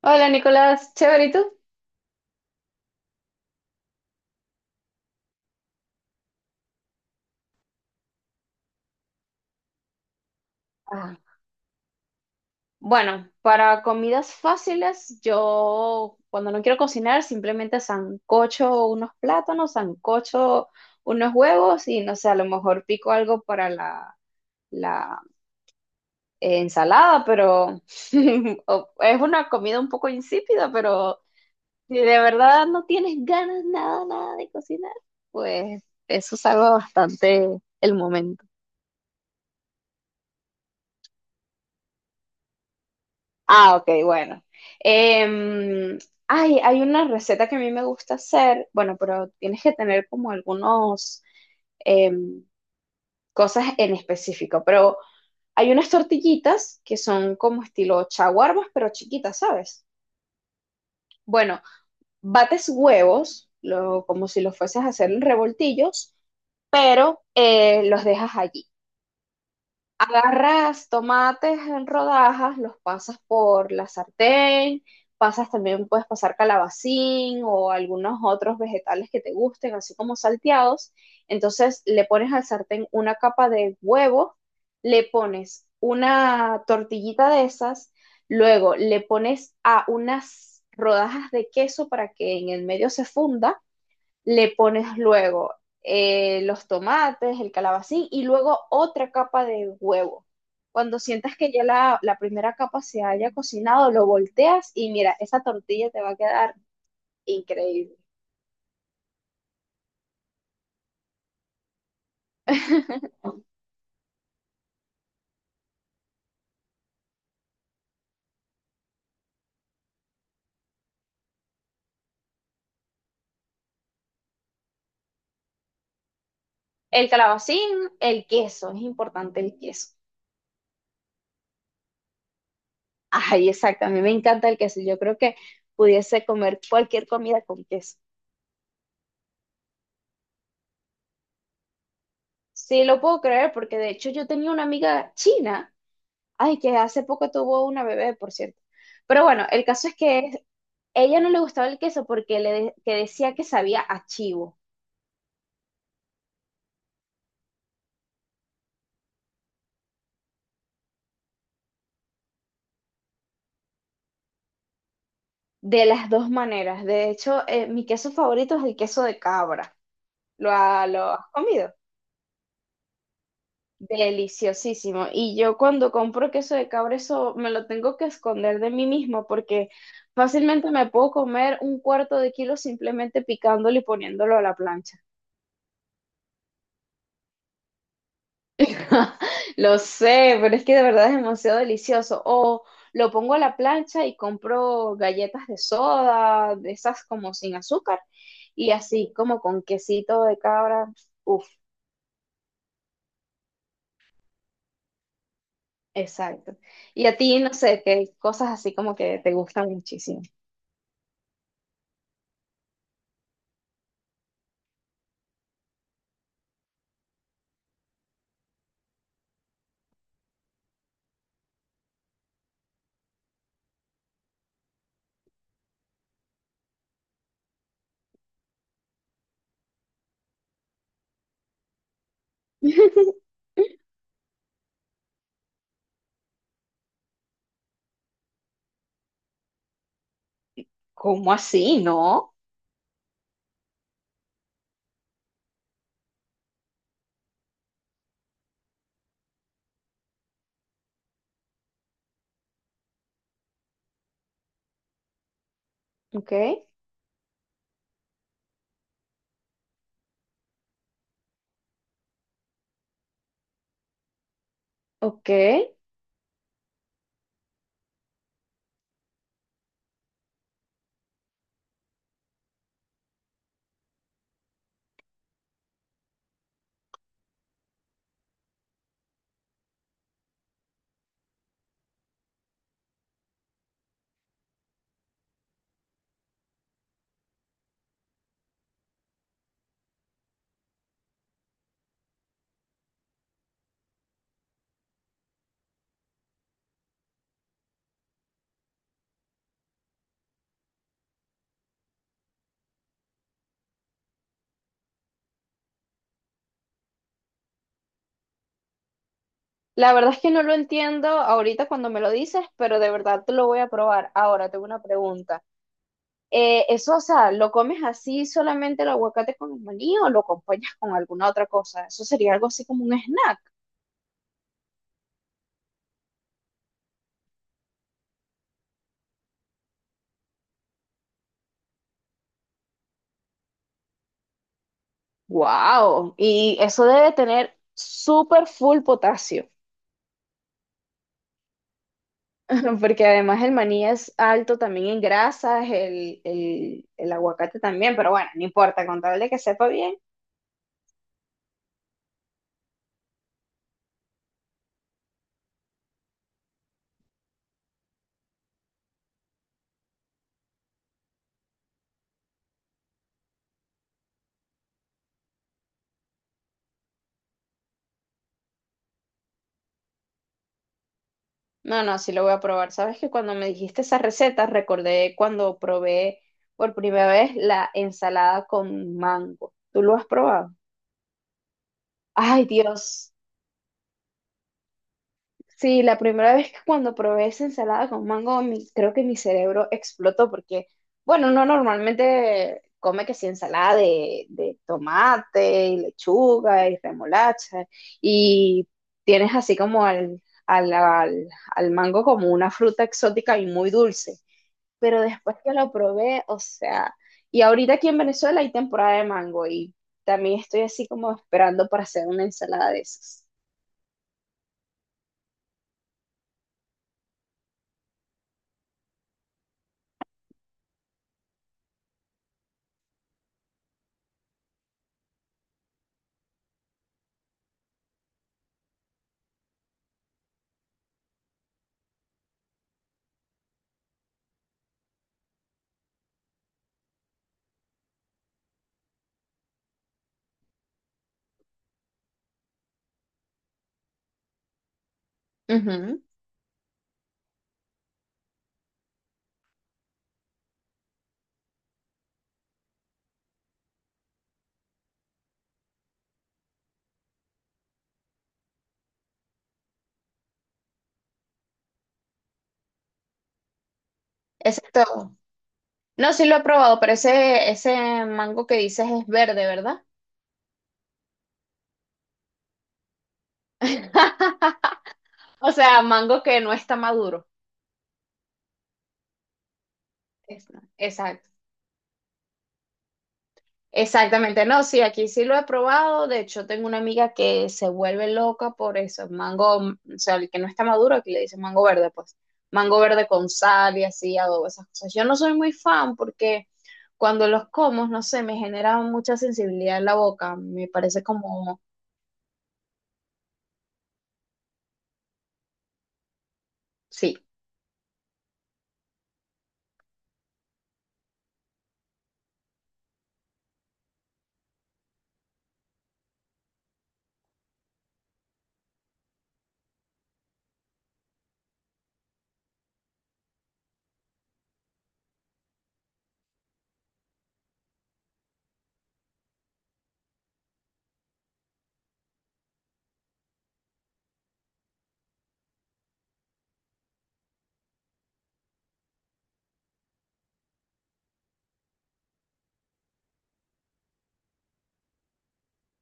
Hola Nicolás, chévere, ¿y tú? Ah, bueno, para comidas fáciles, yo cuando no quiero cocinar, simplemente sancocho unos plátanos, sancocho unos huevos y no sé, a lo mejor pico algo para la ensalada, pero es una comida un poco insípida, pero si de verdad no tienes ganas nada, nada de cocinar, pues eso salva bastante el momento. Ah, ok, bueno. Em, Ay, hay una receta que a mí me gusta hacer, bueno, pero tienes que tener como algunos em, cosas en específico, pero hay unas tortillitas que son como estilo chaguarmas, pero chiquitas, ¿sabes? Bueno, bates huevos, como si los fueses a hacer en revoltillos, pero los dejas allí. Agarras tomates en rodajas, los pasas por la sartén, pasas también, puedes pasar calabacín o algunos otros vegetales que te gusten, así como salteados. Entonces le pones al sartén una capa de huevo, le pones una tortillita de esas, luego le pones a unas rodajas de queso para que en el medio se funda, le pones luego los tomates, el calabacín y luego otra capa de huevo. Cuando sientas que ya la primera capa se haya cocinado, lo volteas y mira, esa tortilla te va a quedar increíble. El calabacín, el queso, es importante el queso. Ay, exacto, a mí me encanta el queso. Yo creo que pudiese comer cualquier comida con queso. Sí, lo puedo creer porque de hecho yo tenía una amiga china. Ay, que hace poco tuvo una bebé, por cierto. Pero bueno, el caso es que ella no le gustaba el queso porque le de- que decía que sabía a chivo, de las dos maneras. De hecho, mi queso favorito es el queso de cabra. ¿ Lo has comido? Deliciosísimo. Y yo cuando compro queso de cabra, eso me lo tengo que esconder de mí mismo porque fácilmente me puedo comer un cuarto de kilo simplemente picándolo y poniéndolo a la plancha. Lo sé, pero es que de verdad es demasiado delicioso. O lo pongo a la plancha y compro galletas de soda, de esas como sin azúcar, y así como con quesito de cabra. Uf, exacto. Y a ti, no sé, qué cosas así como que te gustan muchísimo. ¿Cómo así? ¿No? Ok, ok. La verdad es que no lo entiendo ahorita cuando me lo dices, pero de verdad te lo voy a probar. Ahora tengo una pregunta. Eso, o sea, ¿lo comes así solamente el aguacate con el maní o lo acompañas con alguna otra cosa? Eso sería algo así como un snack. ¡Wow! Y eso debe tener súper full potasio, porque además el maní es alto también en grasas, el aguacate también, pero bueno, no importa, con tal de que sepa bien. No, no, sí lo voy a probar. Sabes que cuando me dijiste esa receta, recordé cuando probé por primera vez la ensalada con mango. ¿Tú lo has probado? Ay, Dios. Sí, la primera vez que cuando probé esa ensalada con mango, creo que mi cerebro explotó porque, bueno, uno normalmente come que sí ensalada de tomate y lechuga y remolacha y tienes así como al, al, al mango como una fruta exótica y muy dulce. Pero después que lo probé, o sea, y ahorita aquí en Venezuela hay temporada de mango y también estoy así como esperando para hacer una ensalada de esas. Ujú, exacto. No, sí lo he probado, pero ese mango que dices es verde, ¿verdad? O sea, mango que no está maduro. Es- Exacto. Exactamente. No, sí, aquí sí lo he probado. De hecho, tengo una amiga que se vuelve loca por eso. Mango, o sea, el que no está maduro, aquí le dicen mango verde, pues. Mango verde con sal y así, adobo, esas cosas. Yo no soy muy fan porque cuando los como, no sé, me genera mucha sensibilidad en la boca. Me parece como, sí.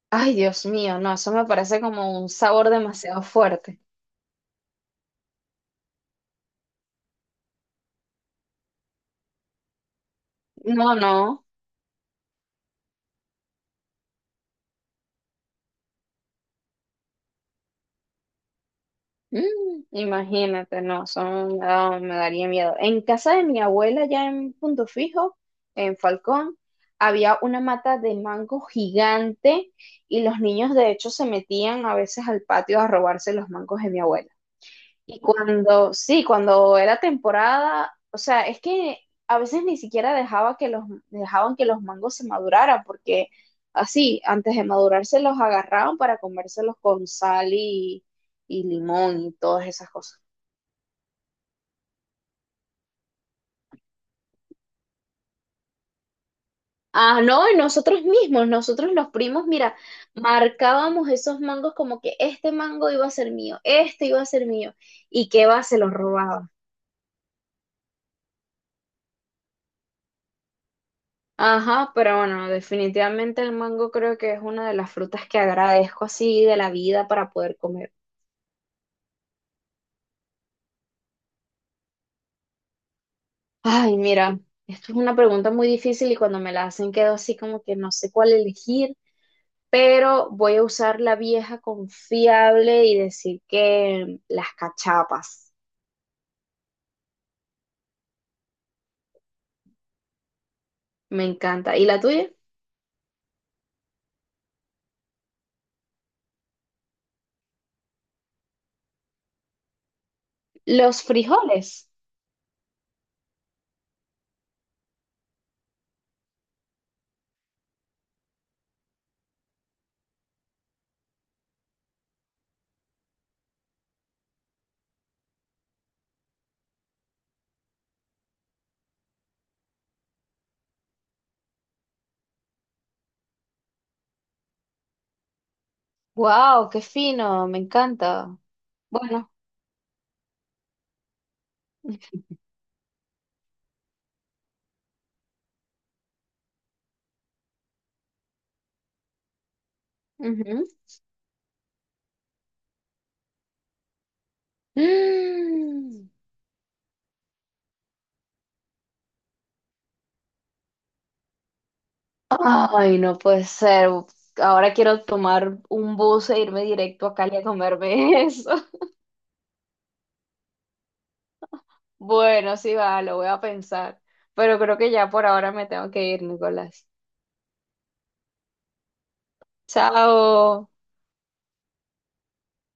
Ay, Dios mío, no, eso me parece como un sabor demasiado fuerte. No, no. Mm, imagínate, no, son, no, me daría miedo. En casa de mi abuela, ya en Punto Fijo, en Falcón, había una mata de mango gigante y los niños de hecho se metían a veces al patio a robarse los mangos de mi abuela. Y cuando, sí, cuando era temporada, o sea, es que a veces ni siquiera dejaba que dejaban que los mangos se maduraran, porque así, antes de madurarse los agarraban para comérselos con sal y limón y todas esas cosas. Ah, no, y nosotros mismos, nosotros los primos, mira, marcábamos esos mangos como que este mango iba a ser mío, este iba a ser mío, y que va, se los robaba. Ajá, pero bueno, definitivamente el mango creo que es una de las frutas que agradezco así de la vida para poder comer. Ay, mira, esto es una pregunta muy difícil y cuando me la hacen quedo así como que no sé cuál elegir, pero voy a usar la vieja confiable y decir que las cachapas. Me encanta. ¿Y la tuya? Los frijoles. Wow, qué fino, me encanta. Bueno. Ujú. Mm, ay, no puede ser. Ahora quiero tomar un bus e irme directo a Cali a comerme eso. Bueno, sí va, lo voy a pensar. Pero creo que ya por ahora me tengo que ir, Nicolás. Chao.